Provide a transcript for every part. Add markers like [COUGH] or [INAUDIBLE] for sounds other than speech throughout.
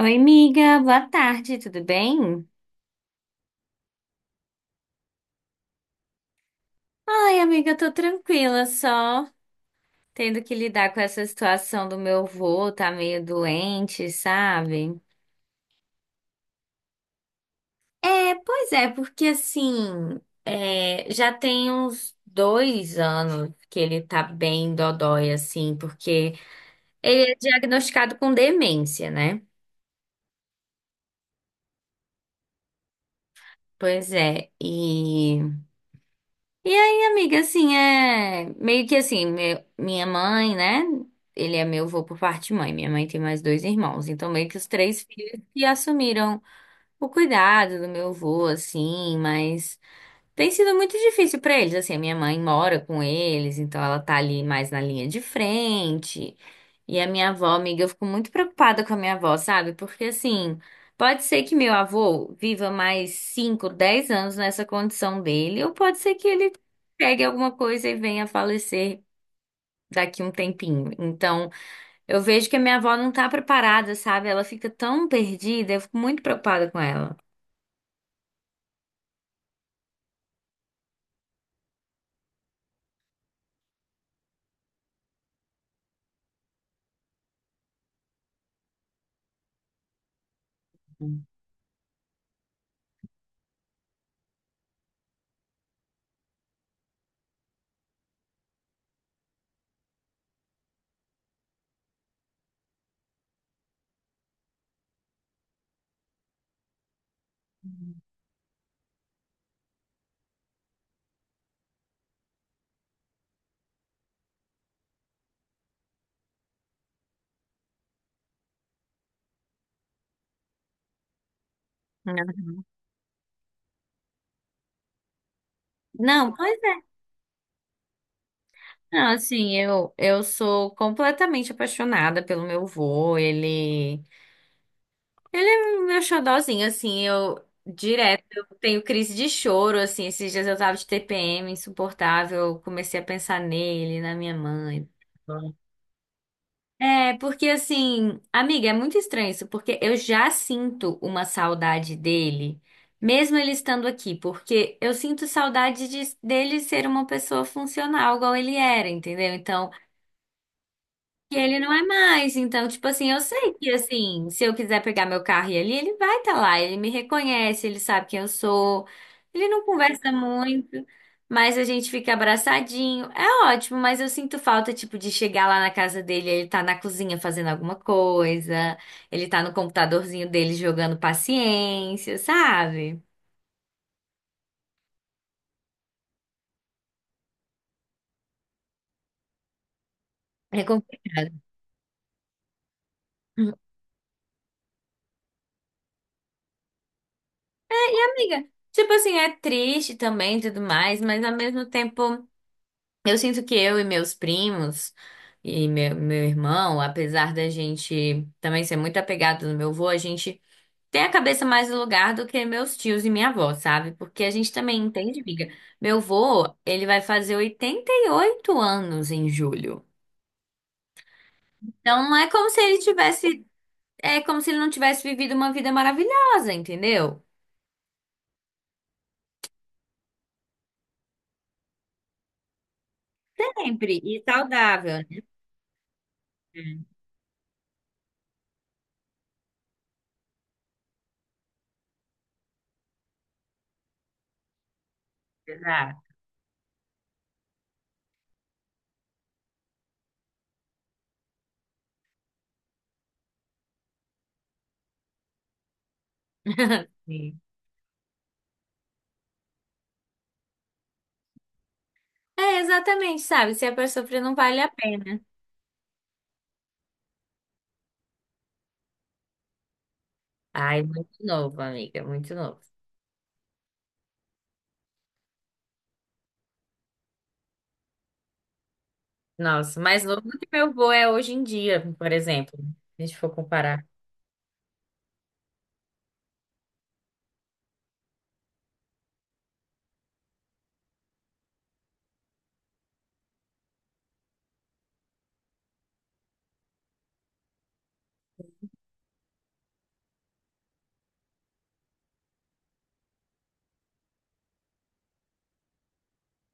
Oi, amiga, boa tarde, tudo bem? Ai, amiga, eu tô tranquila, só tendo que lidar com essa situação do meu vô, tá meio doente, sabe? É, pois é, porque assim, é, já tem uns dois anos que ele tá bem dodói, assim, porque ele é diagnosticado com demência, né? Pois é, e. Amiga, assim, é meio que assim, minha mãe, né? Ele é meu avô por parte de mãe. Minha mãe tem mais dois irmãos, então meio que os três filhos que assumiram o cuidado do meu avô, assim, mas. Tem sido muito difícil pra eles, assim, a minha mãe mora com eles, então ela tá ali mais na linha de frente. E a minha avó, amiga, eu fico muito preocupada com a minha avó, sabe? Porque assim, pode ser que meu avô viva mais 5, 10 anos nessa condição dele, ou pode ser que ele pegue alguma coisa e venha a falecer daqui um tempinho. Então, eu vejo que a minha avó não tá preparada, sabe? Ela fica tão perdida, eu fico muito preocupada com ela. Não, pois Não, assim, eu sou completamente apaixonada pelo meu vô, ele é o meu xodózinho, assim, eu direto eu tenho crise de choro, assim, esses dias eu tava de TPM insuportável, eu comecei a pensar nele, na minha mãe. É, porque assim, amiga, é muito estranho isso, porque eu já sinto uma saudade dele, mesmo ele estando aqui, porque eu sinto saudade dele ser uma pessoa funcional, igual ele era, entendeu? Então, que ele não é mais. Então, tipo assim, eu sei que assim, se eu quiser pegar meu carro e ir ali, ele vai estar lá, ele me reconhece, ele sabe quem eu sou. Ele não conversa muito, mas a gente fica abraçadinho. É ótimo, mas eu sinto falta, tipo, de chegar lá na casa dele, ele tá na cozinha fazendo alguma coisa, ele tá no computadorzinho dele jogando paciência, sabe? É complicado. Amiga, tipo assim, é triste também e tudo mais, mas ao mesmo tempo. Eu sinto que eu e meus primos e meu irmão, apesar da gente também ser muito apegado no meu avô, a gente tem a cabeça mais no lugar do que meus tios e minha avó, sabe? Porque a gente também entende, amiga. Meu avô, ele vai fazer 88 anos em julho. Então não é como se ele tivesse, é como se ele não tivesse vivido uma vida maravilhosa, entendeu? Sempre e saudável, né? Exato. [LAUGHS] Sim. É, exatamente, sabe? Se a pessoa sofrer, não vale a pena. Ai, muito novo, amiga, muito novo. Nossa, mais novo do que meu avô é hoje em dia, por exemplo, se a gente for comparar.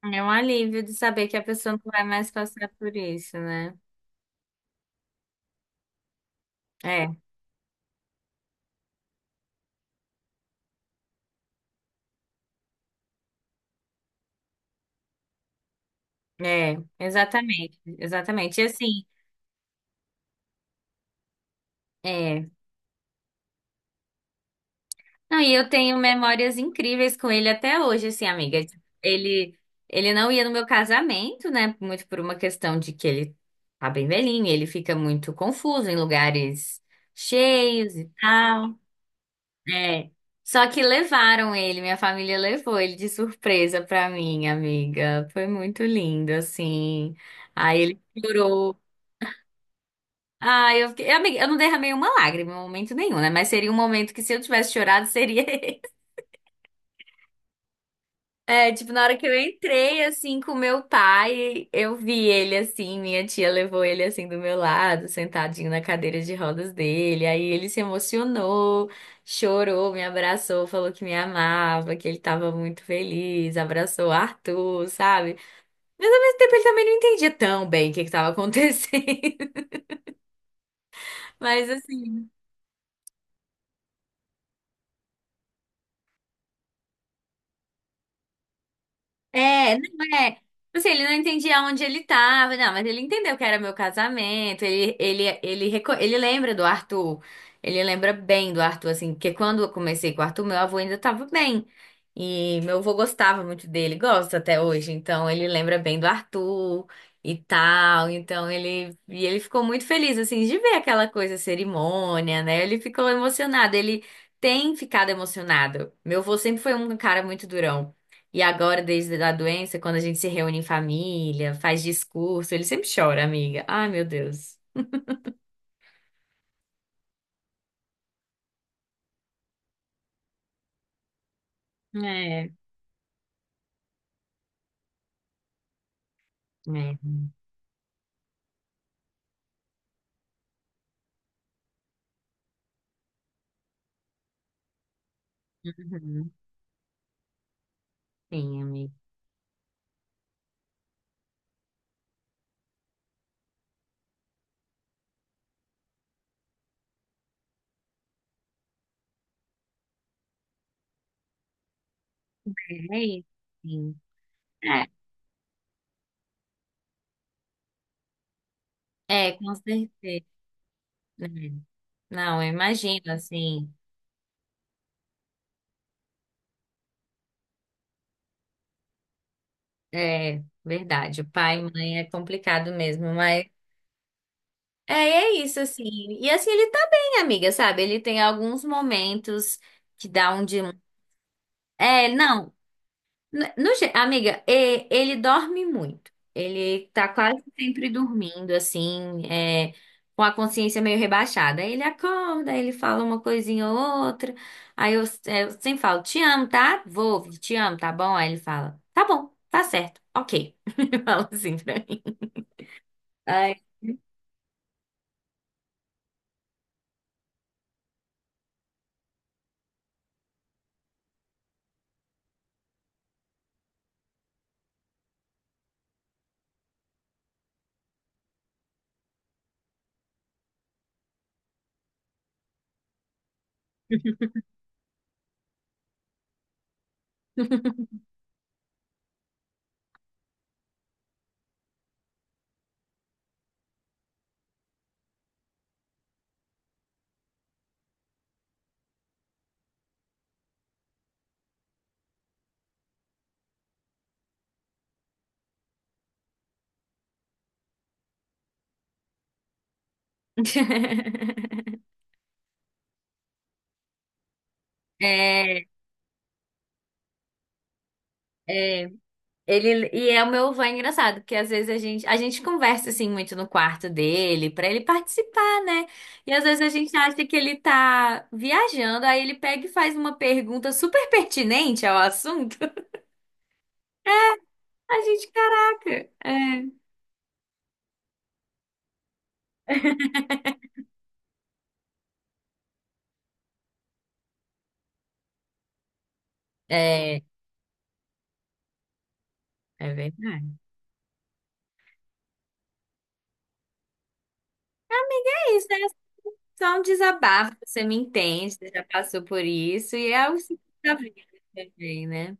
É um alívio de saber que a pessoa não vai mais passar por isso, né? É, é, exatamente, exatamente. E assim, é. Não, e eu tenho memórias incríveis com ele até hoje, assim, amiga. Tipo, ele não ia no meu casamento, né? Muito por uma questão de que ele tá bem velhinho, ele fica muito confuso em lugares cheios e tal. É. Só que levaram ele, minha família levou ele de surpresa pra mim, amiga. Foi muito lindo, assim. Aí ele chorou. Ah, eu fiquei... Amiga, eu não derramei uma lágrima em momento nenhum, né? Mas seria um momento que se eu tivesse chorado, seria [LAUGHS] É, tipo, na hora que eu entrei, assim, com meu pai, eu vi ele, assim, minha tia levou ele, assim, do meu lado, sentadinho na cadeira de rodas dele. Aí ele se emocionou, chorou, me abraçou, falou que me amava, que ele tava muito feliz, abraçou o Arthur, sabe? Mas ao mesmo tempo ele também não entendia tão bem o que que tava acontecendo. [LAUGHS] Mas, assim. É, não é. Tipo assim, ele não entendia onde ele tava, não, mas ele entendeu que era meu casamento. Ele lembra do Arthur. Ele lembra bem do Arthur, assim, porque quando eu comecei com o Arthur, meu avô ainda tava bem. E meu avô gostava muito dele, gosta até hoje. Então, ele lembra bem do Arthur e tal. Então, e ele ficou muito feliz, assim, de ver aquela coisa, cerimônia, né? Ele ficou emocionado. Ele tem ficado emocionado. Meu avô sempre foi um cara muito durão. E agora, desde a doença, quando a gente se reúne em família, faz discurso, ele sempre chora, amiga. Ai, meu Deus. É. É, uhum, sim, amiga. É isso. Sim. É. É, com certeza. Né? Não, eu imagino, assim, é verdade, o pai e mãe é complicado mesmo, mas é, é isso, assim, e assim, ele tá bem, amiga, sabe, ele tem alguns momentos que dá um de... É, não, N- no ge- amiga, ele dorme muito. Ele tá quase sempre dormindo, assim, é, com a consciência meio rebaixada. Aí ele acorda, aí ele fala uma coisinha ou outra. Aí eu, é, eu sempre falo, te amo, tá? Vou, te amo, tá bom? Aí ele fala, tá bom, tá certo, ok. [LAUGHS] Ele fala assim pra mim. Ai. [LAUGHS] É, é. E é o meu avô é engraçado, porque às vezes a gente conversa assim muito no quarto dele, pra ele participar, né? E às vezes a gente acha que ele tá viajando, aí ele pega e faz uma pergunta super pertinente ao assunto. [LAUGHS] A gente, caraca, é, é, é verdade. É isso, é só um desabafo, você me entende, você já passou por isso, e é o ciclo da vida também, né?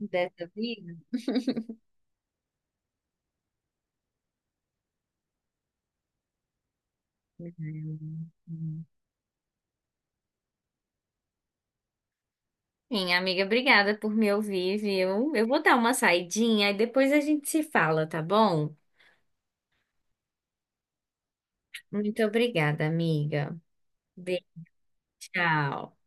Dessa vida. Uhum. Sim, amiga, obrigada por me ouvir, viu? Eu vou dar uma saidinha e depois a gente se fala, tá bom? Muito obrigada, amiga. Beijo, tchau.